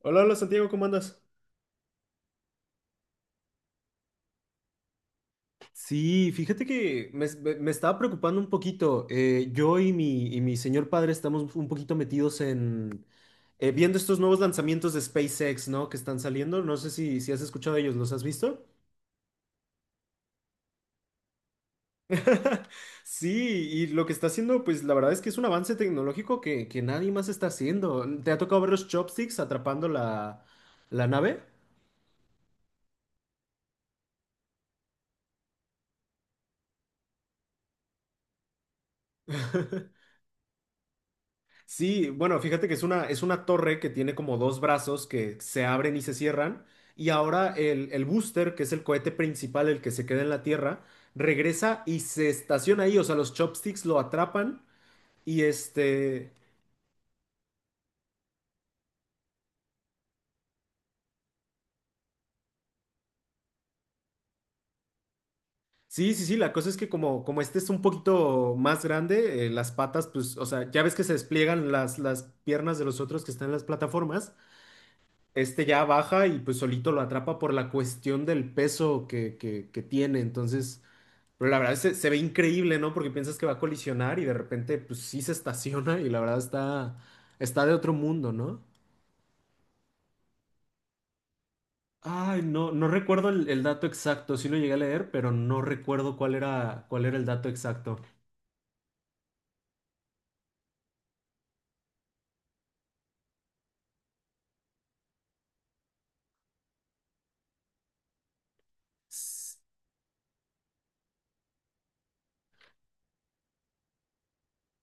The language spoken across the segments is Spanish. Hola, hola Santiago, ¿cómo andas? Sí, fíjate que me estaba preocupando un poquito. Yo y mi señor padre estamos un poquito metidos en viendo estos nuevos lanzamientos de SpaceX, ¿no? Que están saliendo. No sé si has escuchado de ellos, ¿los has visto? Sí, y lo que está haciendo, pues la verdad es que es un avance tecnológico que nadie más está haciendo. ¿Te ha tocado ver los chopsticks atrapando la nave? Sí, bueno, fíjate que es una torre que tiene como dos brazos que se abren y se cierran. Y ahora el booster, que es el cohete principal, el que se queda en la Tierra, regresa y se estaciona ahí. O sea, los chopsticks lo atrapan. Y este. Sí, sí, sí. La cosa es que como este es un poquito más grande, las patas, pues, o sea, ya ves que se despliegan las piernas de los otros que están en las plataformas. Este ya baja y pues solito lo atrapa por la cuestión del peso que tiene. Entonces. Pero la verdad se ve increíble, ¿no? Porque piensas que va a colisionar y de repente, pues sí se estaciona y la verdad está, está de otro mundo, ¿no? Ay, no, no recuerdo el dato exacto, sí lo llegué a leer, pero no recuerdo cuál era el dato exacto.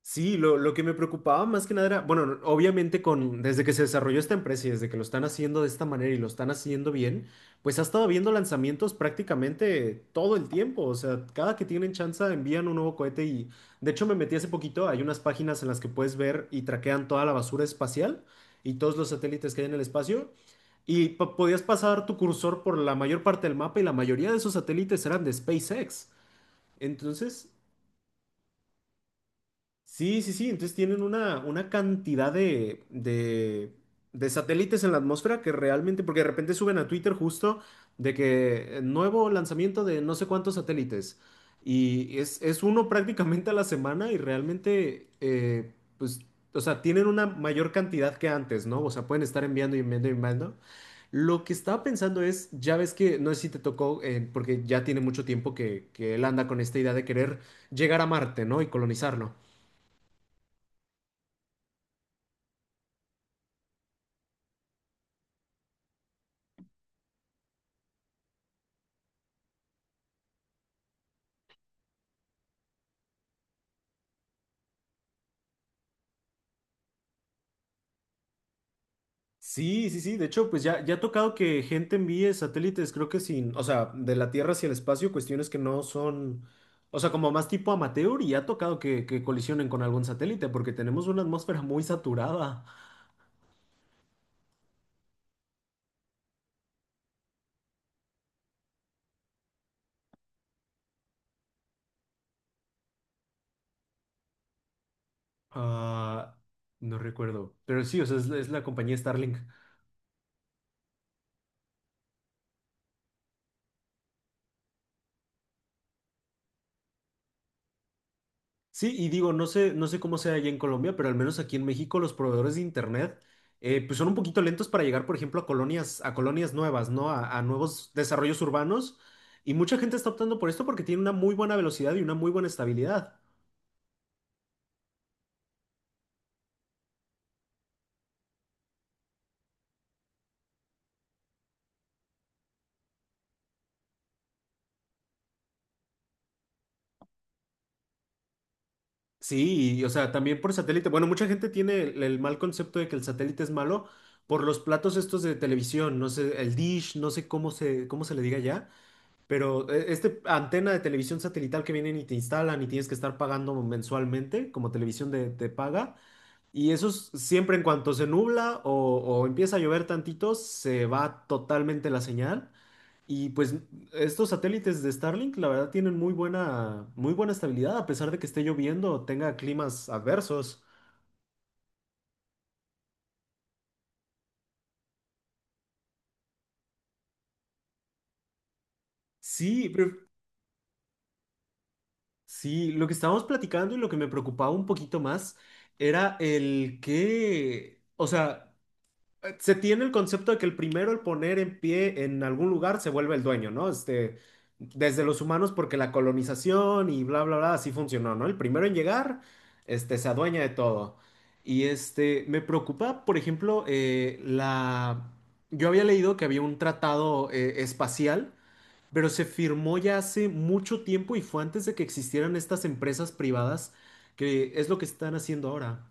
Sí, lo que me preocupaba más que nada era, bueno, obviamente con, desde que se desarrolló esta empresa y desde que lo están haciendo de esta manera y lo están haciendo bien, pues ha estado habiendo lanzamientos prácticamente todo el tiempo. O sea, cada que tienen chance envían un nuevo cohete y de hecho me metí hace poquito, hay unas páginas en las que puedes ver y traquean toda la basura espacial y todos los satélites que hay en el espacio. Y podías pasar tu cursor por la mayor parte del mapa y la mayoría de esos satélites eran de SpaceX. Entonces, Sí, sí, sí. Entonces tienen una cantidad de satélites en la atmósfera que realmente, porque de repente suben a Twitter justo de que nuevo lanzamiento de no sé cuántos satélites. Y es uno prácticamente a la semana y realmente, pues, o sea, tienen una mayor cantidad que antes, ¿no? O sea, pueden estar enviando y enviando y enviando. Lo que estaba pensando es, ya ves que, no sé si te tocó, porque ya tiene mucho tiempo que él anda con esta idea de querer llegar a Marte, ¿no? Y colonizarlo. Sí, sí, sí. De hecho, pues ya, ya ha tocado que gente envíe satélites, creo que sin, o sea, de la Tierra hacia el espacio, cuestiones que no son, o sea, como más tipo amateur y ya ha tocado que colisionen con algún satélite porque tenemos una atmósfera muy saturada. Ah, no recuerdo, pero sí, o sea, es la compañía Starlink. Sí, y digo, no sé, no sé cómo sea allá en Colombia, pero al menos aquí en México los proveedores de internet pues son un poquito lentos para llegar, por ejemplo, a colonias nuevas, ¿no? A nuevos desarrollos urbanos. Y mucha gente está optando por esto porque tiene una muy buena velocidad y una muy buena estabilidad. Sí, y, o sea, también por satélite. Bueno, mucha gente tiene el mal concepto de que el satélite es malo por los platos estos de televisión, no sé, el dish, no sé cómo se le diga ya. Pero este antena de televisión satelital que vienen y te instalan y tienes que estar pagando mensualmente como televisión de paga, y eso es siempre en cuanto se nubla o empieza a llover tantito, se va totalmente la señal. Y pues estos satélites de Starlink, la verdad, tienen muy buena estabilidad, a pesar de que esté lloviendo o tenga climas adversos. Sí, pero sí, lo que estábamos platicando y lo que me preocupaba un poquito más era el que, o sea, se tiene el concepto de que el primero, el poner en pie en algún lugar, se vuelve el dueño, ¿no? Este, desde los humanos, porque la colonización y bla, bla, bla, así funcionó, ¿no? El primero en llegar, este, se adueña de todo. Y este, me preocupa, por ejemplo, la... Yo había leído que había un tratado espacial, pero se firmó ya hace mucho tiempo y fue antes de que existieran estas empresas privadas, que es lo que están haciendo ahora.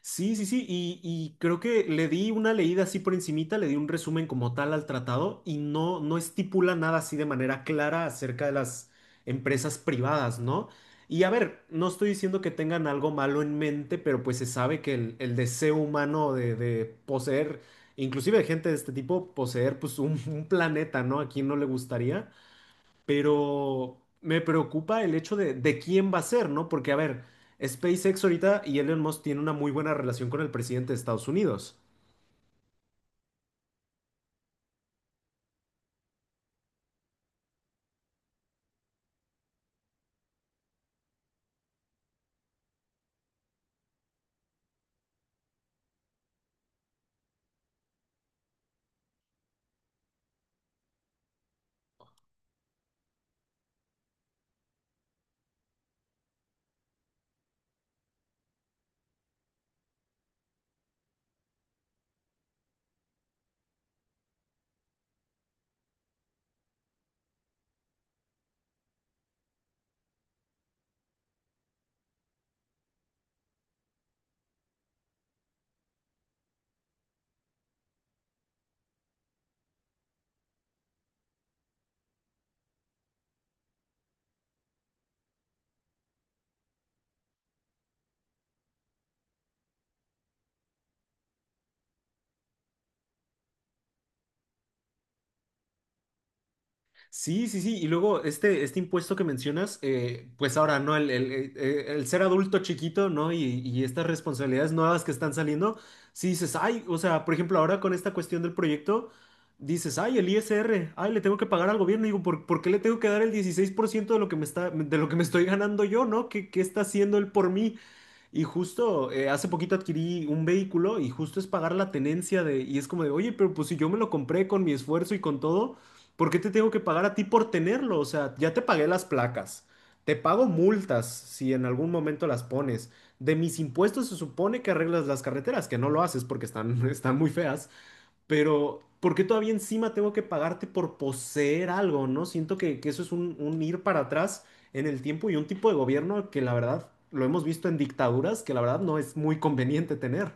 Sí, sí, sí, y creo que le di una leída así por encimita, le di un resumen como tal al tratado y no, no estipula nada así de manera clara acerca de las empresas privadas, ¿no? Y a ver, no estoy diciendo que tengan algo malo en mente, pero pues se sabe que el deseo humano de poseer, inclusive de gente de este tipo, poseer pues un planeta, ¿no? ¿A quién no le gustaría? Pero me preocupa el hecho de quién va a ser, ¿no? Porque, a ver, SpaceX ahorita y Elon Musk tienen una muy buena relación con el presidente de Estados Unidos. Sí, sí, sí. Y luego este, este impuesto que mencionas, pues ahora, ¿no? El ser adulto chiquito, ¿no? Y estas responsabilidades nuevas que están saliendo, sí dices, ay, o sea, por ejemplo, ahora con esta cuestión del proyecto, dices, ay, el ISR, ay, le tengo que pagar al gobierno. Y digo, ¿por qué le tengo que dar el 16% de lo que me está, de lo que me estoy ganando yo, ¿no? ¿Qué está haciendo él por mí? Y justo hace poquito adquirí un vehículo y justo es pagar la tenencia de, y es como de, oye, pero pues si yo me lo compré con mi esfuerzo y con todo, ¿por qué te tengo que pagar a ti por tenerlo? O sea, ya te pagué las placas, te pago multas si en algún momento las pones. De mis impuestos se supone que arreglas las carreteras, que no lo haces porque están, están muy feas. Pero ¿por qué todavía encima tengo que pagarte por poseer algo, no? Siento que eso es un ir para atrás en el tiempo y un tipo de gobierno que la verdad lo hemos visto en dictaduras que la verdad no es muy conveniente tener.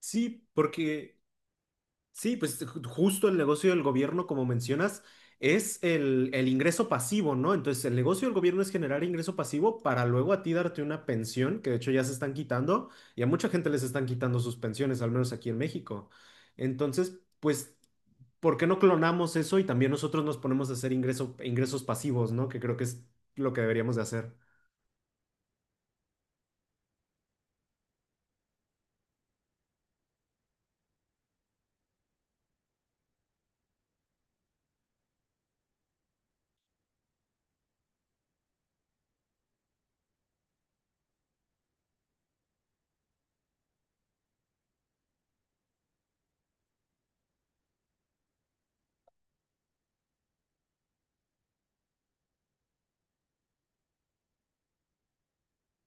Sí, porque, sí, pues justo el negocio del gobierno, como mencionas, es el ingreso pasivo, ¿no? Entonces, el negocio del gobierno es generar ingreso pasivo para luego a ti darte una pensión, que de hecho ya se están quitando, y a mucha gente les están quitando sus pensiones, al menos aquí en México. Entonces, pues ¿por qué no clonamos eso y también nosotros nos ponemos a hacer ingresos pasivos, ¿no? Que creo que es lo que deberíamos de hacer.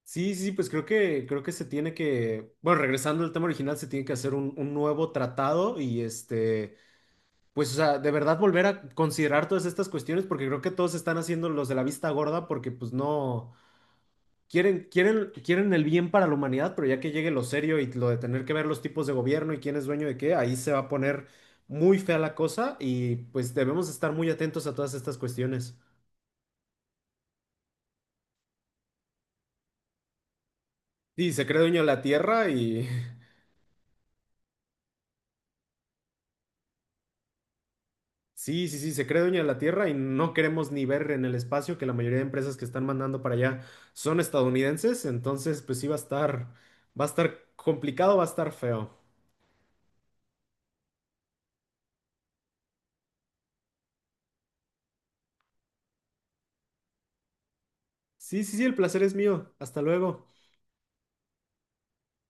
Sí, sí, pues creo que se tiene que, bueno, regresando al tema original, se tiene que hacer un nuevo tratado y este, pues, o sea, de verdad volver a considerar todas estas cuestiones porque creo que todos están haciendo los de la vista gorda porque pues no. Quieren, quieren, quieren el bien para la humanidad, pero ya que llegue lo serio y lo de tener que ver los tipos de gobierno y quién es dueño de qué, ahí se va a poner muy fea la cosa y pues debemos estar muy atentos a todas estas cuestiones. Sí, se cree dueño de la Tierra y... Sí, sí, sí, se cree dueño de la Tierra y no queremos ni ver en el espacio que la mayoría de empresas que están mandando para allá son estadounidenses, entonces pues sí va a estar complicado, va a estar feo. Sí, sí, sí, el placer es mío. Hasta luego.